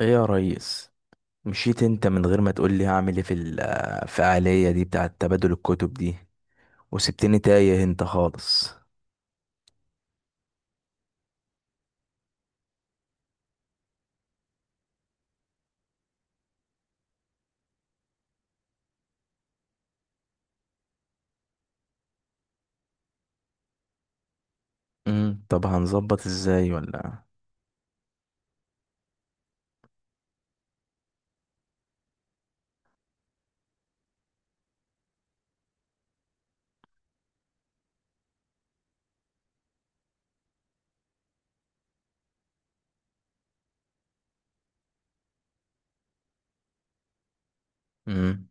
ايه يا ريس؟ مشيت انت من غير ما تقول لي هعمل ايه في الفعالية دي بتاعة تبادل الكتب دي، وسبتني تايه انت خالص. طب هنظبط ازاي ولا؟ امم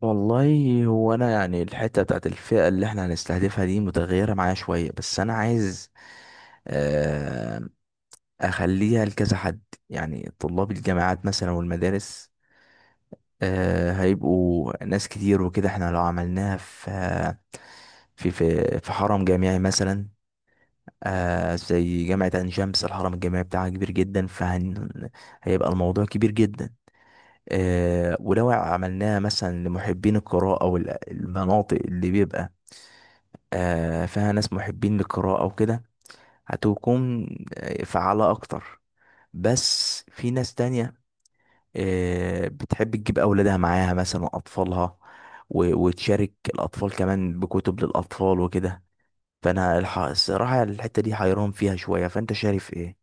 والله، هو انا يعني الحتة بتاعة الفئة اللي احنا هنستهدفها دي متغيرة معايا شوية، بس انا عايز آه، اخليها لكذا حد. يعني طلاب الجامعات مثلا والمدارس. هيبقوا ناس كتير وكده، احنا لو عملناها في حرم جامعي مثلا. زي جامعة عين شمس، الحرم الجامعي بتاعها كبير جدا، هيبقى الموضوع كبير جدا. ولو عملناها مثلا لمحبين القراءة، والمناطق اللي بيبقى فيها ناس محبين للقراءة وكده، هتكون فعالة أكتر. بس في ناس تانية بتحب تجيب أولادها معاها مثلا وأطفالها، وتشارك الأطفال كمان بكتب للأطفال وكده. فأنا الصراحة الحتة دي حيران فيها شوية، فأنت شايف إيه؟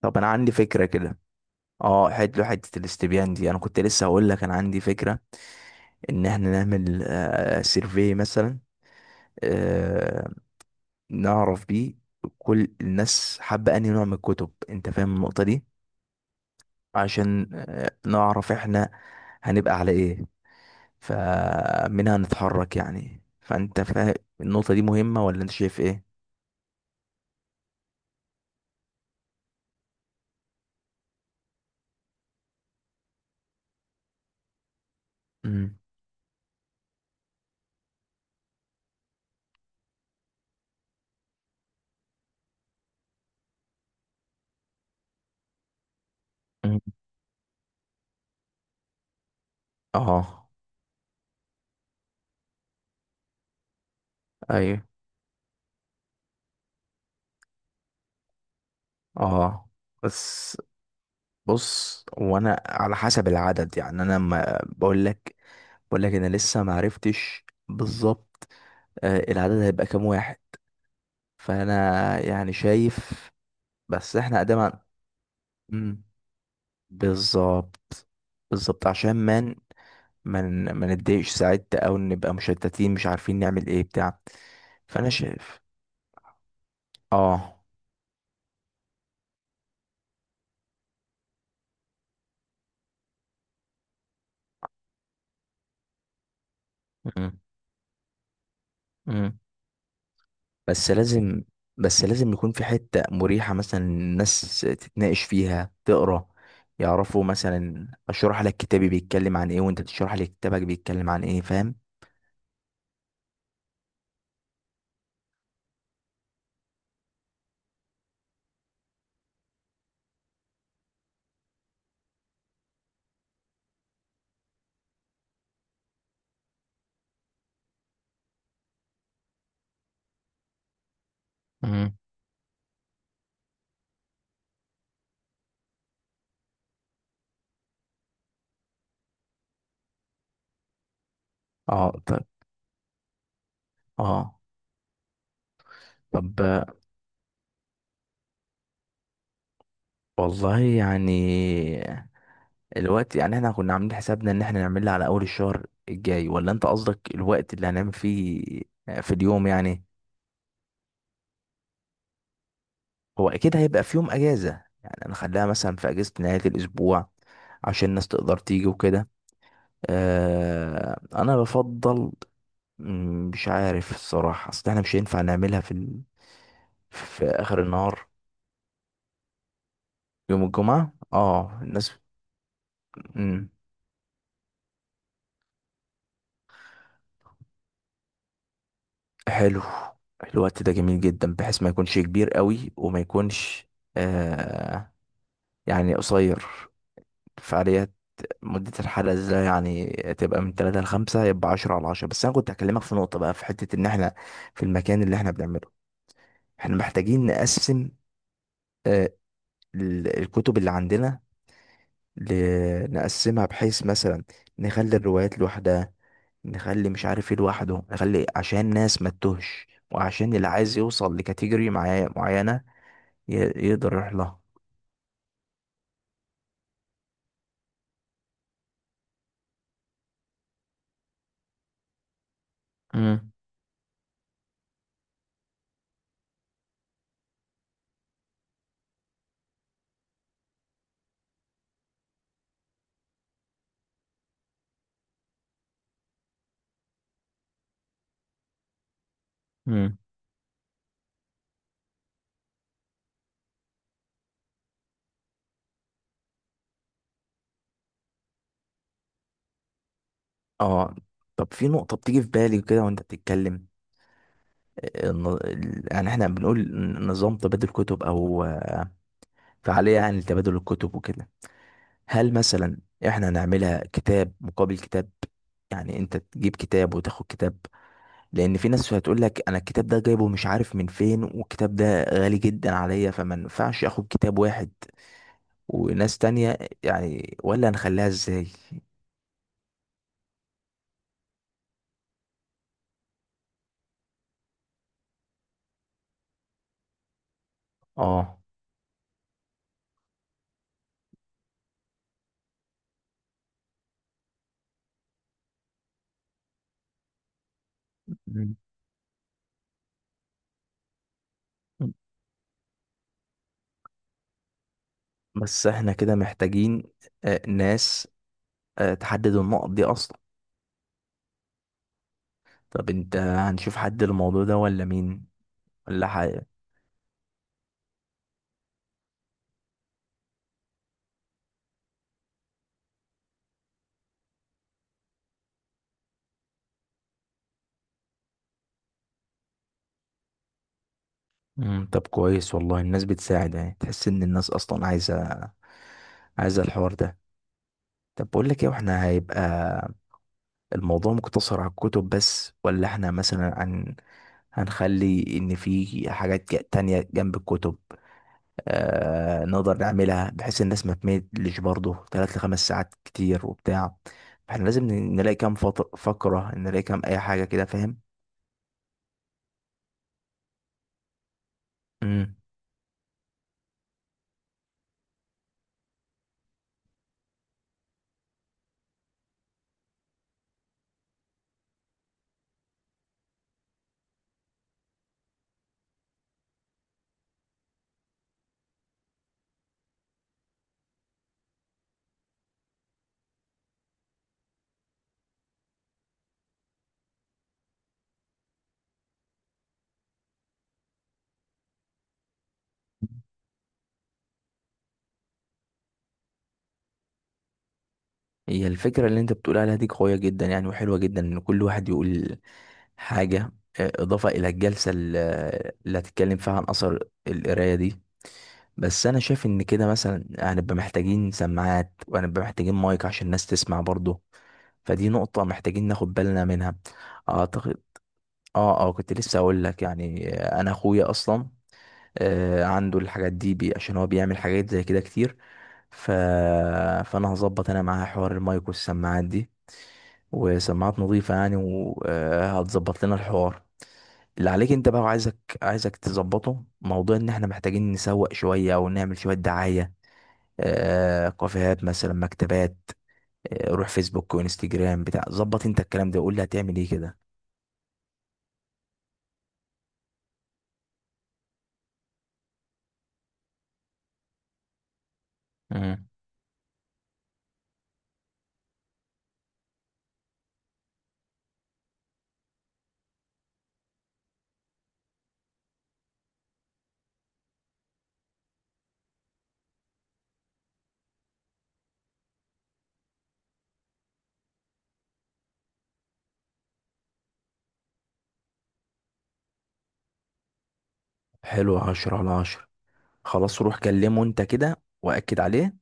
طب أنا عندي فكرة كده. اه حلو، حتة الاستبيان دي أنا كنت لسه هقول لك، أنا عندي فكرة، إن إحنا نعمل سيرفي مثلا، آه، نعرف بيه كل الناس حابة أنهي نوع من الكتب. أنت فاهم النقطة دي؟ عشان نعرف إحنا هنبقى على إيه، فمنها نتحرك يعني. فانت فاهم، النقطة دي مهمة ولا انت شايف ايه؟ امم. أمم. اه. ايوه. اه. بس بص، وانا على حسب العدد يعني، انا ما بقول لك انا لسه ما عرفتش بالظبط العدد هيبقى كام واحد. فانا يعني شايف، بس احنا قدام أمم. بالظبط، بالظبط، عشان مان ما ن- ما نتضايقش ساعات، او نبقى مشتتين مش عارفين نعمل ايه بتاع. فانا شايف. اه. مم. مم. بس لازم بس لازم يكون في حتة مريحة مثلا، الناس تتناقش فيها، تقرا، يعرفوا مثلا، اشرح لك كتابي بيتكلم عن ايه، وانت تشرح لي كتابك بيتكلم عن ايه، فاهم؟ مم. اه. طب. اه، طب والله يعني، الوقت يعني احنا كنا عاملين حسابنا ان احنا نعملها على اول الشهر الجاي، ولا انت قصدك الوقت اللي هنعمل فيه في اليوم يعني؟ هو اكيد هيبقى في يوم اجازة، يعني هنخليها مثلا في اجازة نهاية الاسبوع عشان الناس تقدر تيجي وكده. انا بفضل مش عارف الصراحة، اصل احنا مش هينفع نعملها في اخر النهار. يوم الجمعة، اه، الناس. مم، حلو، الوقت ده جميل جدا بحيث ما يكونش كبير قوي، وما يكونش آه يعني قصير. فعاليات، مدة الحلقة ده يعني تبقى من 3 لـ5، يبقى 10 على 10. بس أنا كنت هكلمك في نقطة بقى، في حتة إن إحنا في المكان اللي إحنا بنعمله، إحنا محتاجين نقسم آه، الكتب اللي عندنا، نقسمها بحيث مثلا نخلي الروايات لوحدها، نخلي مش عارف ايه لوحده، نخلي عشان الناس ما تتوهش، وعشان اللي عايز يوصل لكاتيجوري معينة يقدر يروح لها. امم. امم. اه. طب، في نقطة بتيجي في بالي كده وانت بتتكلم. يعني احنا بنقول نظام تبادل كتب، او فعالية يعني لتبادل الكتب وكده. هل مثلا احنا نعملها كتاب مقابل كتاب؟ يعني انت تجيب كتاب وتاخد كتاب. لان في ناس هتقول لك، انا الكتاب ده جايبه مش عارف من فين والكتاب ده غالي جدا عليا، فما ينفعش اخد كتاب واحد. وناس تانية يعني، ولا نخليها ازاي؟ اه. مم. بس احنا كده محتاجين ناس تحدد النقط دي اصلا. طب انت هنشوف حد الموضوع ده ولا مين؟ ولا حاجة؟ مم. طب كويس والله، الناس بتساعد، يعني تحس ان الناس اصلا عايزة الحوار ده. طب بقول لك ايه، واحنا هيبقى الموضوع مقتصر على الكتب بس، ولا احنا مثلا هنخلي ان في حاجات تانية جنب الكتب؟ نقدر نعملها بحيث الناس ما تملش برضه، 3 لـ5 ساعات كتير وبتاع، احنا لازم نلاقي كام فقرة، نلاقي كام اي حاجة كده، فاهم؟ مم. هي الفكرة اللي انت بتقول عليها دي قوية جدا يعني، وحلوة جدا، ان كل واحد يقول حاجة اضافة الى الجلسة اللي هتتكلم فيها عن اثر القراية دي. بس انا شايف ان كده مثلا هنبقى محتاجين سماعات، وهنبقى محتاجين مايك عشان الناس تسمع برضه، فدي نقطة محتاجين ناخد بالنا منها. اعتقد. اه، اه، كنت لسه اقول لك يعني، انا اخويا اصلا عنده الحاجات دي بي، عشان هو بيعمل حاجات زي كده كتير. ف... فانا هظبط انا معاه حوار المايك والسماعات دي، وسماعات نظيفة يعني، وهتظبط لنا الحوار. اللي عليك انت بقى، وعايزك، عايزك تظبطه، موضوع ان احنا محتاجين نسوق شوية او نعمل شوية دعاية، كافيهات مثلا، مكتبات. روح فيسبوك وانستجرام بتاع، ظبط انت الكلام ده وقول لي هتعمل ايه كده. مم. حلو، 10 على 10. خلاص روح كلمه انت كده واكد عليه.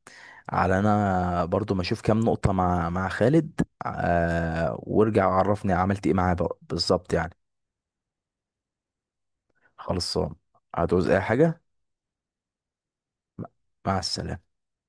على، انا برضو ما اشوف كام نقطة مع خالد، وارجع عرفني عملت ايه معاه بقى بالظبط يعني. خلصان. هتعوز اي حاجة؟ مع السلامة.